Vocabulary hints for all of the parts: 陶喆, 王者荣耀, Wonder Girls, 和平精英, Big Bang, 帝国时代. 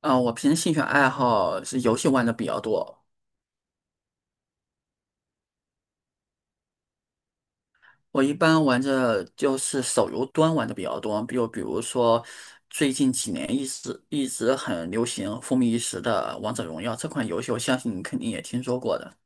啊，我平时兴趣爱好是游戏玩的比较多。我一般玩着就是手游端玩的比较多，比如说最近几年一直很流行、风靡一时的《王者荣耀》这款游戏，我相信你肯定也听说过的。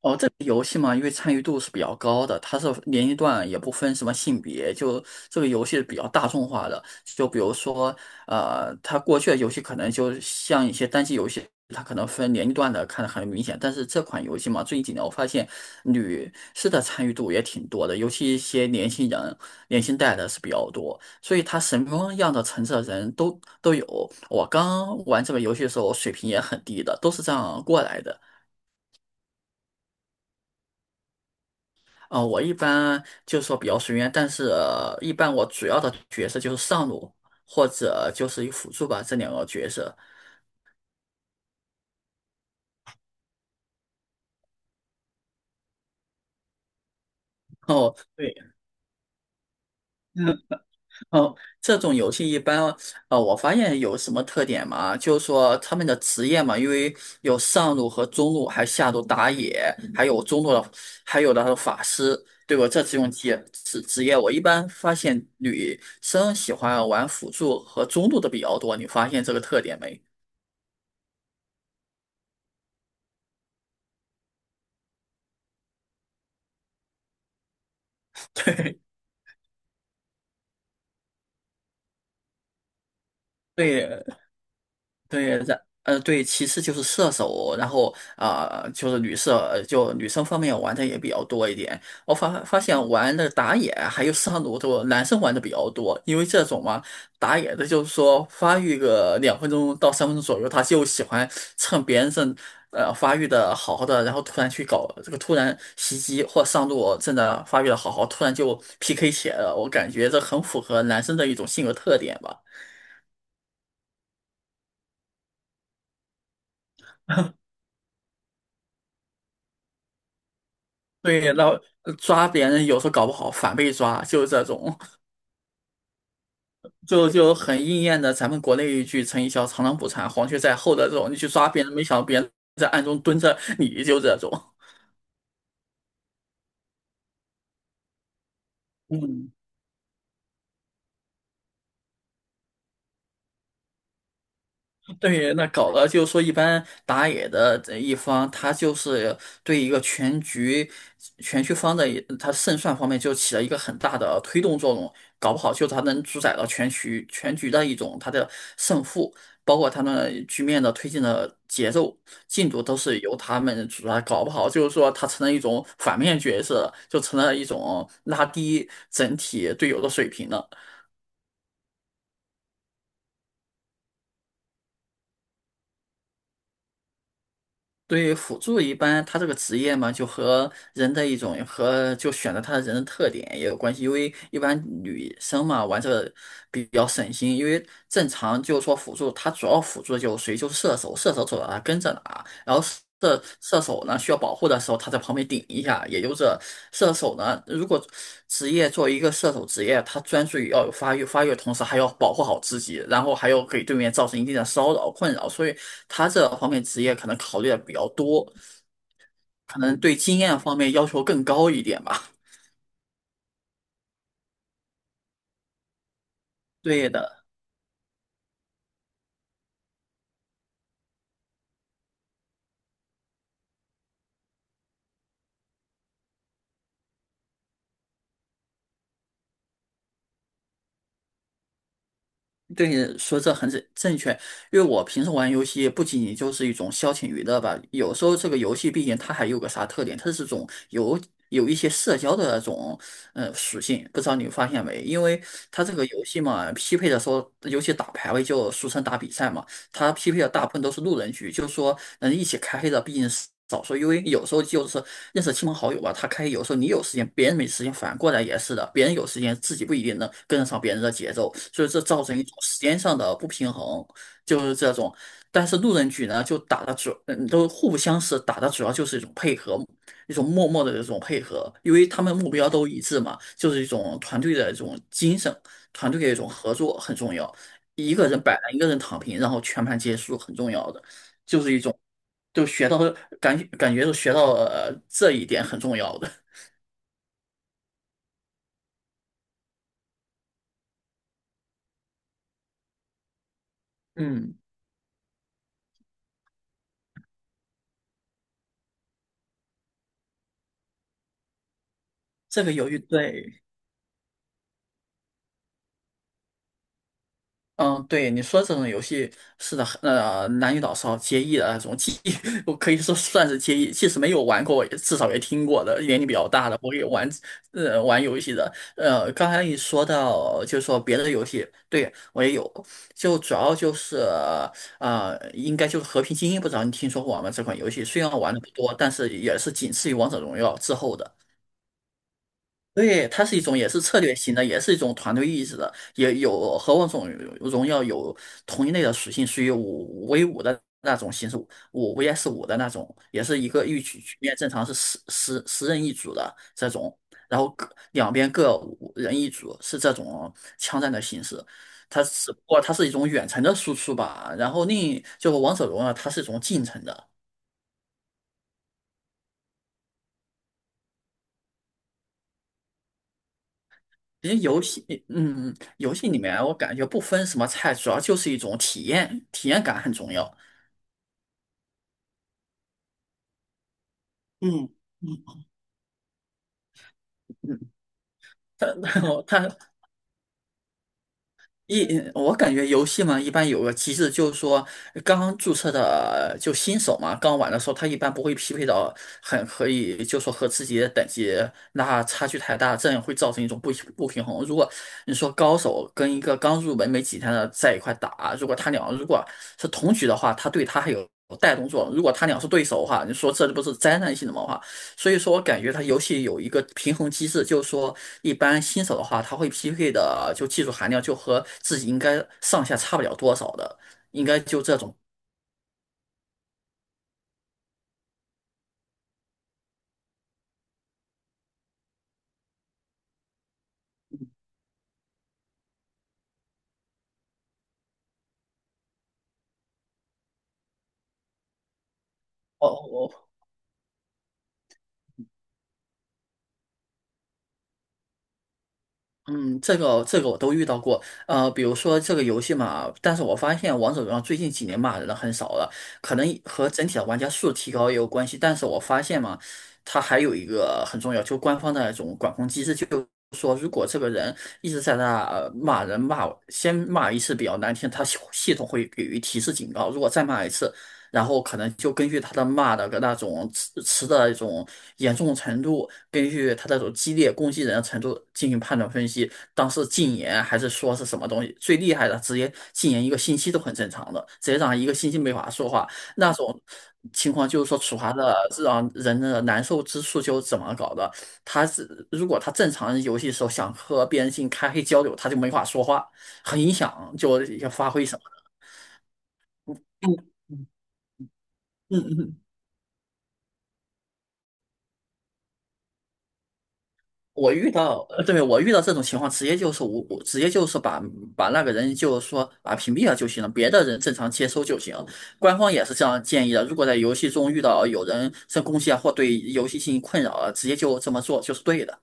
哦，这个游戏嘛，因为参与度是比较高的，它是年龄段也不分什么性别，就这个游戏是比较大众化的。就比如说，它过去的游戏可能就像一些单机游戏，它可能分年龄段的看得很明显。但是这款游戏嘛，最近几年我发现女士的参与度也挺多的，尤其一些年轻人、年轻代的是比较多，所以它什么样的层次的人都有。我刚玩这个游戏的时候，我水平也很低的，都是这样过来的。我一般就是说比较随缘，但是一般我主要的角色就是上路或者就是一辅助吧，这两个角色。哦，对，哦，这种游戏一般，我发现有什么特点嘛？就是说他们的职业嘛，因为有上路和中路，还有下路打野，还有中路的，还有的法师，对吧？这几种职业，我一般发现女生喜欢玩辅助和中路的比较多，你发现这个特点没？对对。对，对，其次就是射手，然后啊、呃就是女射，呃就女生方面玩的也比较多一点。我发现玩的打野还有上路都男生玩的比较多，因为这种嘛，打野的就是说发育个2分钟到3分钟左右，他就喜欢趁别人正发育的好好的，然后突然去搞这个突然袭击或上路正在发育的好好，突然就 PK 起来了。我感觉这很符合男生的一种性格特点吧。对，然后抓别人有时候搞不好反被抓，就是这种，就很应验的咱们国内一句成语叫"螳螂捕蝉，黄雀在后"的这种，你去抓别人，没想到别人在暗中蹲着你，就这种。嗯，对，那搞得就是说，一般打野的这一方，他就是对一个全局、全局方的一他胜算方面就起了一个很大的推动作用，搞不好就他能主宰了全局、全局的一种他的胜负，包括他们局面的推进的节奏、进度都是由他们主宰，搞不好就是说他成了一种反面角色，就成了一种拉低整体队友的水平了。对于辅助一般，他这个职业嘛，就和人的一种和就选择他的人的特点也有关系。因为一般女生嘛，玩这个比较省心，因为正常就是说辅助，他主要辅助就谁就是射手，射手走到哪跟着哪，然后射手呢需要保护的时候，他在旁边顶一下。也就是射手呢，如果职业作为一个射手职业，他专注于要有发育，发育的同时还要保护好自己，然后还要给对面造成一定的骚扰困扰，所以他这方面职业可能考虑的比较多，可能对经验方面要求更高一点吧。对的。对你说这很正确，因为我平时玩游戏不仅仅就是一种消遣娱乐吧，有时候这个游戏毕竟它还有个啥特点，它是种有一些社交的那种属性，不知道你发现没？因为它这个游戏嘛，匹配的时候，尤其打排位就俗称打比赛嘛。他匹配的大部分都是路人局，就是说能一起开黑的毕竟是少数，因为有时候就是认识亲朋好友吧，他开黑有时候你有时间，别人没时间，反过来也是的，别人有时间，自己不一定能跟得上别人的节奏，所以这造成一种时间上的不平衡，就是这种。但是路人局呢，就打的主，嗯，都互不相识，打的主要就是一种配合，一种默默的这种配合，因为他们目标都一致嘛，就是一种团队的一种精神，团队的一种合作很重要。一个人摆烂，一个人躺平，然后全盘皆输，很重要的，就是一种，就学到感觉就学到了这一点很重要的。嗯，这个犹豫对，嗯，对，你说这种游戏是的，男女老少皆宜的那种，我可以说算是皆宜，即使没有玩过，也至少也听过的。年龄比较大的，我也玩，玩游戏的。刚才你说到，就是说别的游戏，对，我也有，就主要就是，应该就是《和平精英》，不知道你听说过吗？这款游戏虽然玩的不多，但是也是仅次于《王者荣耀》之后的。对，它是一种也是策略型的，也是一种团队意识的，也有和王者荣耀有同一类的属性，属于5v5的那种形式，5vs5的那种，也是一局局面正常是十人一组的这种，然后各两边各五人一组，是这种枪战的形式。它只不过它是一种远程的输出吧，然后另一就是王者荣耀它是一种近程的，因为游戏，嗯，嗯游戏里面我感觉不分什么菜，主要就是一种体验，体验感很重要。嗯嗯嗯，它 他。我感觉游戏嘛，一般有个机制，就是说刚刚注册的就新手嘛，刚玩的时候，他一般不会匹配到很可以，就说和自己的等级那差距太大，这样会造成一种不平衡。如果你说高手跟一个刚入门没几天的在一块打，如果他俩如果是同局的话，他对他还有带动作；如果他俩是对手的话，你说这不是灾难性的嘛话，所以说，我感觉它游戏有一个平衡机制，就是说，一般新手的话，他会匹配的就技术含量就和自己应该上下差不了多少的，应该就这种。哦嗯，这个我都遇到过，比如说这个游戏嘛，但是我发现王者荣耀最近几年骂人的很少了，可能和整体的玩家数提高也有关系，但是我发现嘛，它还有一个很重要，就官方的那种管控机制，就是说如果这个人一直在那骂人骂，先骂一次比较难听，他系统会给予提示警告，如果再骂一次，然后可能就根据他的骂的那种词的一种严重程度，根据他那种激烈攻击人的程度进行判断分析，当时禁言还是说是什么东西，最厉害的直接禁言一个星期都很正常的，直接让一个星期没法说话，那种情况就是说处罚的是让人的难受之处就是怎么搞的，他是如果他正常游戏的时候想和别人进行开黑交流，他就没法说话，很影响就发挥什么，嗯嗯。我遇到，对，我遇到这种情况，直接就是无，我直接就是把那个人就是说把屏蔽了就行了，别的人正常接收就行，官方也是这样建议的，如果在游戏中遇到有人在攻击啊，或对游戏进行困扰啊，直接就这么做就是对的。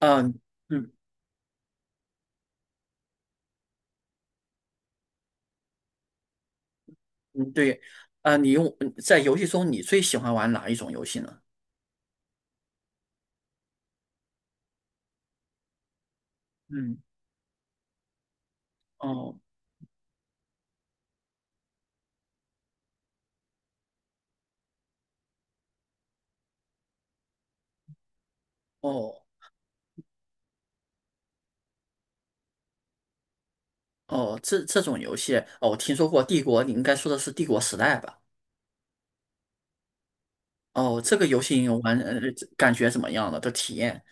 嗯嗯嗯，对，啊，在游戏中你最喜欢玩哪一种游戏呢？嗯，哦哦哦，这种游戏，哦，我听说过《帝国》，你应该说的是《帝国时代》吧？哦，这个游戏你玩，感觉怎么样了？的体验？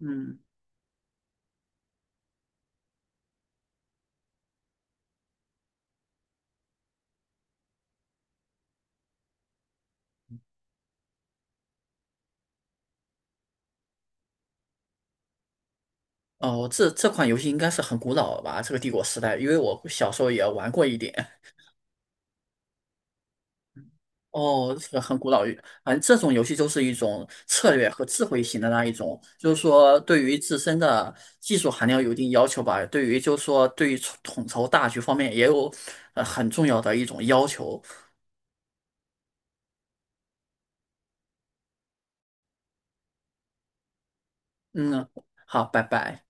嗯，哦，这款游戏应该是很古老了吧？这个帝国时代，因为我小时候也玩过一点。哦，这个很古老，反正这种游戏就是一种策略和智慧型的那一种，就是说对于自身的技术含量有一定要求吧，对于就是说对于统筹大局方面也有很重要的一种要求。嗯，好，拜拜。